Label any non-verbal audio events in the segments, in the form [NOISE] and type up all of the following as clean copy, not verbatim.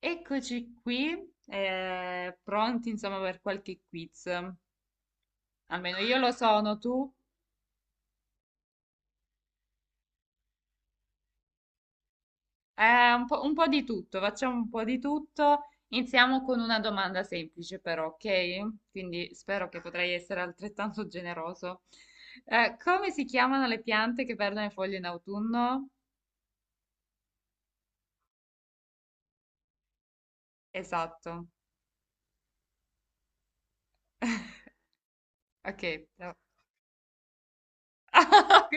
Eccoci qui, pronti insomma per qualche quiz. Almeno io lo sono, tu? Un po' di tutto, facciamo un po' di tutto. Iniziamo con una domanda semplice però, ok? Quindi spero che potrai essere altrettanto generoso. Come si chiamano le piante che perdono le foglie in autunno? Esatto, ok. [LAUGHS] Ok.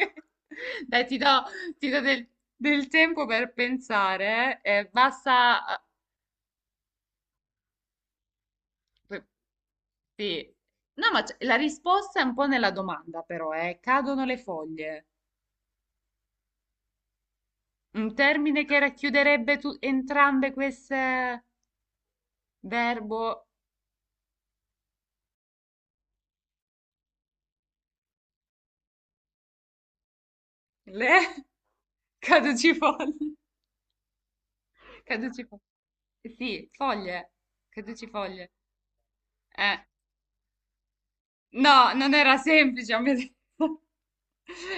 Dai, ti do del tempo per pensare. Basta. eh, Sì. No, ma la risposta è un po' nella domanda, però. Cadono le foglie. Un termine che racchiuderebbe entrambe queste verbo le [LAUGHS] caducifoglie. Caducifoglie. Sì, foglie. Caducifoglie. Eh. No, non era semplice, mi ha detto. [LAUGHS]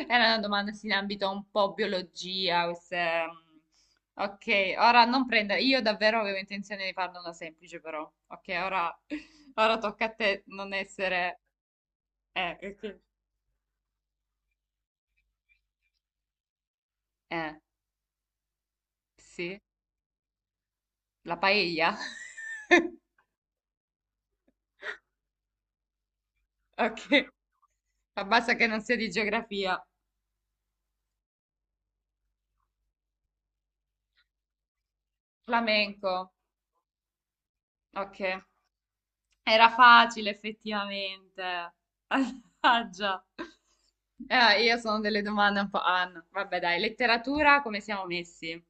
Era una domanda sì, in ambito un po' biologia, queste. Ok, ora non prendere, io davvero avevo intenzione di farne una semplice però, ok, ora, [LAUGHS] ora tocca a te non essere... Ok. Eh, sì, la paella. [LAUGHS] Ok, ma basta che non sia di geografia. Flamenco, ok, era facile effettivamente. [LAUGHS] Mannaggia. Io sono delle domande un po'. Ah, no. Vabbè, dai, letteratura, come siamo messi?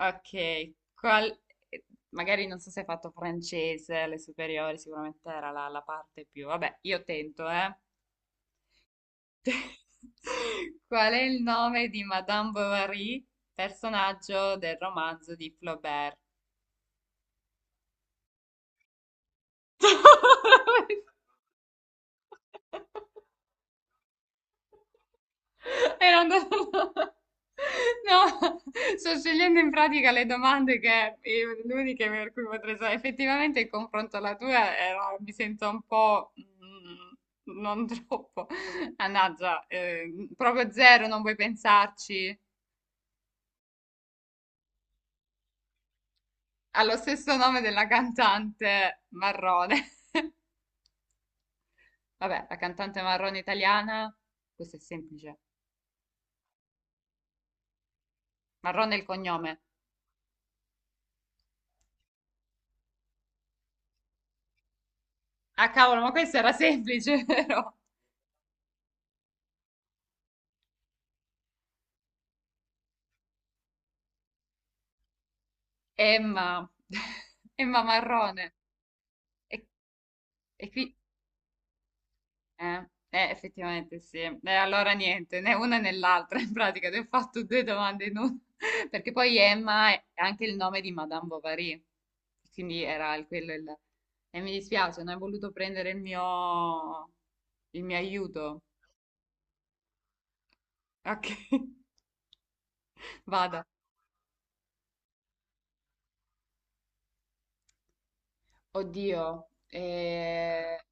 Ok, magari non so se hai fatto francese, alle superiori sicuramente era la parte più... Vabbè, io tento. [LAUGHS] Qual è il nome di Madame Bovary, personaggio del romanzo di Flaubert? [LAUGHS] Era andato... [LAUGHS] No, sto scegliendo in pratica le domande che l'unica per cui potrei sapere. Effettivamente il confronto alla tua era, mi sento un po' non [LAUGHS] troppo. Mannaggia, proprio zero, non vuoi pensarci. Ha lo stesso nome della cantante Marrone. [LAUGHS] Vabbè, la cantante Marrone italiana, questo è semplice. Marrone è il cognome. Ah, cavolo, ma questo era semplice, [LAUGHS] vero? Emma, [LAUGHS] Emma Marrone. E, e qui, eh, effettivamente sì. Allora niente, né una né l'altra in pratica, ti ho fatto due domande in una. [LAUGHS] Perché poi Emma è anche il nome di Madame Bovary, quindi era quello il. E mi dispiace, non hai voluto prendere il mio aiuto. Ok, [LAUGHS] vada. Oddio,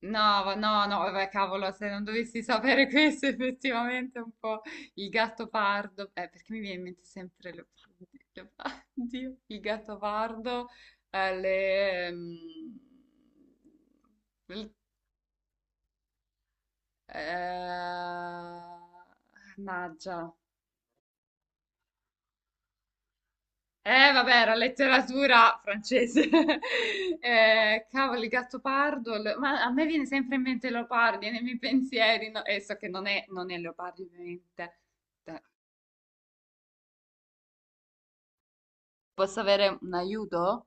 no, no, no, vabbè, cavolo, se non dovessi sapere questo, [LAUGHS] effettivamente è un po' il gatto pardo, perché mi viene in mente sempre Leopardi, Leopardi, il gatto pardo, le, il- eh, mannaggia. Vabbè, era letteratura francese. [LAUGHS] Cavolo, il Gattopardo. Ma a me viene sempre in mente Leopardi nei miei pensieri. No? E so che non è Leopardi, ovviamente. Dai, posso avere un aiuto?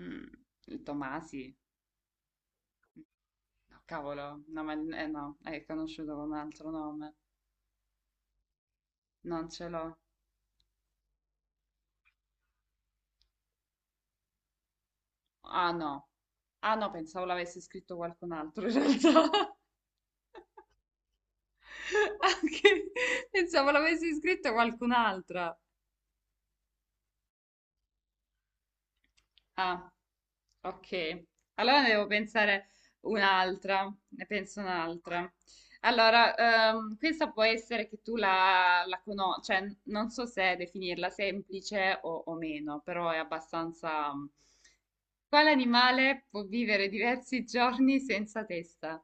Mm, il Tomasi. No, cavolo. No, ma no, è conosciuto con un altro nome. Non ce l'ho. Ah, no. Ah, no, pensavo l'avesse scritto qualcun altro, in realtà. [LAUGHS] Anche... Pensavo l'avesse scritto qualcun'altra. Ah, ok. Allora ne devo pensare un'altra, ne penso un'altra. Allora, questa può essere che tu la conosci, cioè non so se definirla semplice o meno, però è abbastanza. Quale animale può vivere diversi giorni senza testa?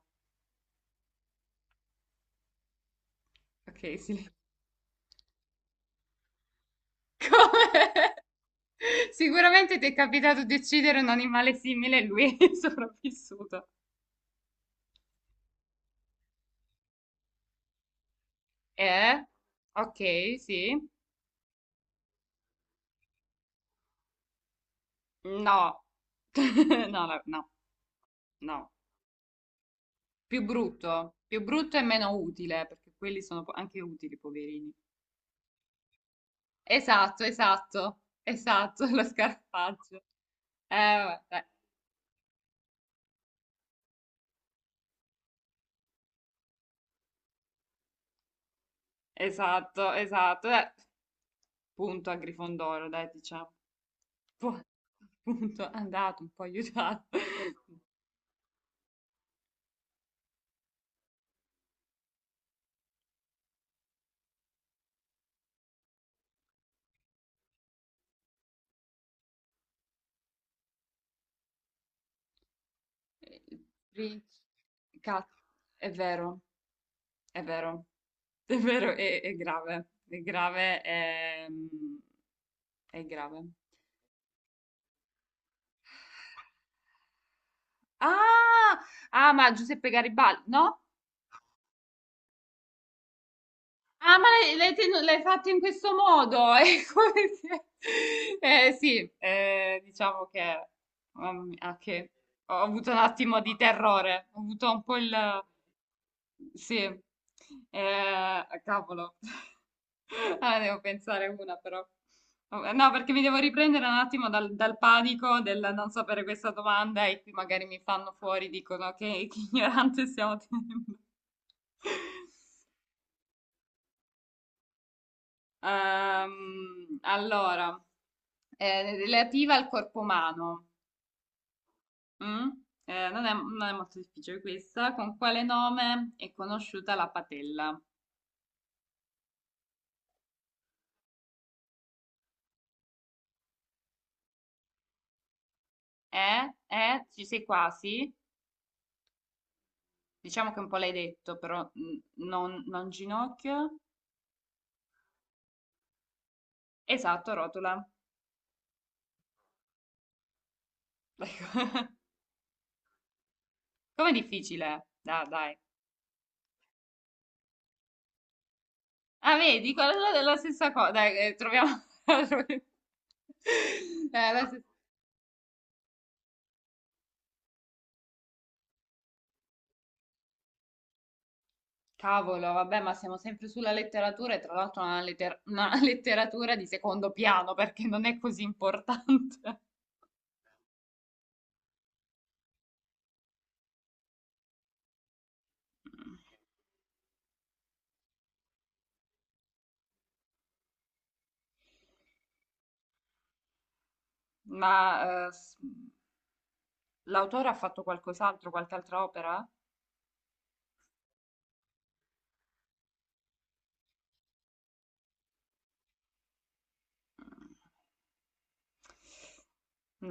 Ok, sì. [LAUGHS] Come? Sicuramente ti è capitato di uccidere un animale simile e lui [LAUGHS] è sopravvissuto. Eh? Ok, sì. No, [LAUGHS] no, no, no, no. Più brutto e meno utile, perché quelli sono anche utili, poverini. Esatto, esatto, esatto, [LAUGHS] lo scarfaggio. Eh, Vabbè, dai. Esatto, esatto. Dai. Punto a Grifondoro, dai, diciamo. Pu- Punto, andato, un po' aiutato. [LAUGHS] Free- Cazzo, è vero. È vero, è vero, è grave, è grave, è grave. Ah, ah, ma Giuseppe Garibaldi, no? Ah, ma l'hai fatto in questo modo? [LAUGHS] È come se- Sì, diciamo che, mamma mia, ah, che ho avuto un attimo di terrore, ho avuto un po' il. Sì, ah, cavolo. [LAUGHS] Ah, devo pensare una però. No, perché mi devo riprendere un attimo dal panico del non sapere questa domanda e qui magari mi fanno fuori, dicono che ignorante stiamo tenendo. [LAUGHS] Allora, relativa al corpo umano. Mm? Non è molto difficile questa. Con quale nome è conosciuta la patella? Eh? Eh? Ci sei quasi? Diciamo che un po' l'hai detto, però non ginocchio. Esatto, rotola. [LAUGHS] Come difficile? Dai, dai. Ah, vedi, quella è la stessa cosa. Dai, troviamo. [LAUGHS] La stessa- Cavolo, vabbè, ma siamo sempre sulla letteratura e tra l'altro una [LAUGHS] letteratura di secondo piano perché non è così importante. [LAUGHS] Ma l'autore ha fatto qualcos'altro, qualche altra opera? Mm.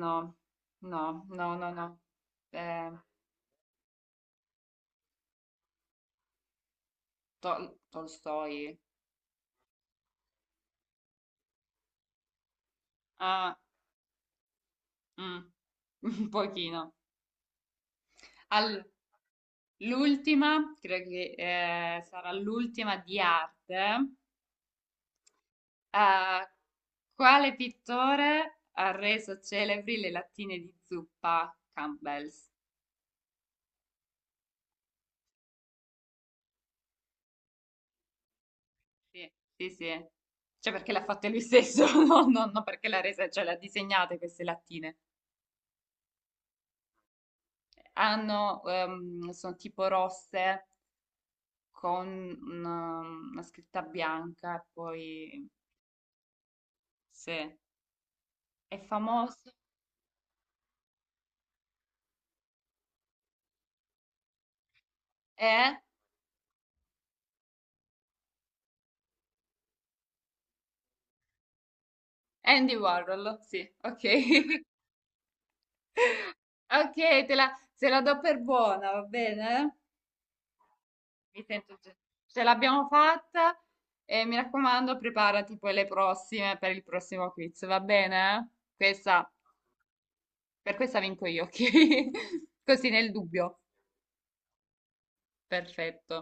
No, no, no, no, no. Eh, Tolstoi. Ah, mm, [LAUGHS] un pochino. Al- L'ultima, credo che sarà l'ultima di arte. Ah, quale pittore ha reso celebri le lattine di zuppa Campbell's? Sì, sì, sì. Cioè perché l'ha fatta lui stesso, [LAUGHS] no, no, no, perché l'ha resa, cioè l'ha disegnate queste lattine. Hanno, sono tipo rosse con una scritta bianca e poi, sì, è famoso. È Andy Warhol, sì, ok. [LAUGHS] Ok, se la do per buona, va bene? Mi sento ce l'abbiamo fatta e mi raccomando, preparati poi le prossime per il prossimo quiz, va bene? Questa, per questa vinco io, ok? [LAUGHS] Così nel dubbio. Perfetto.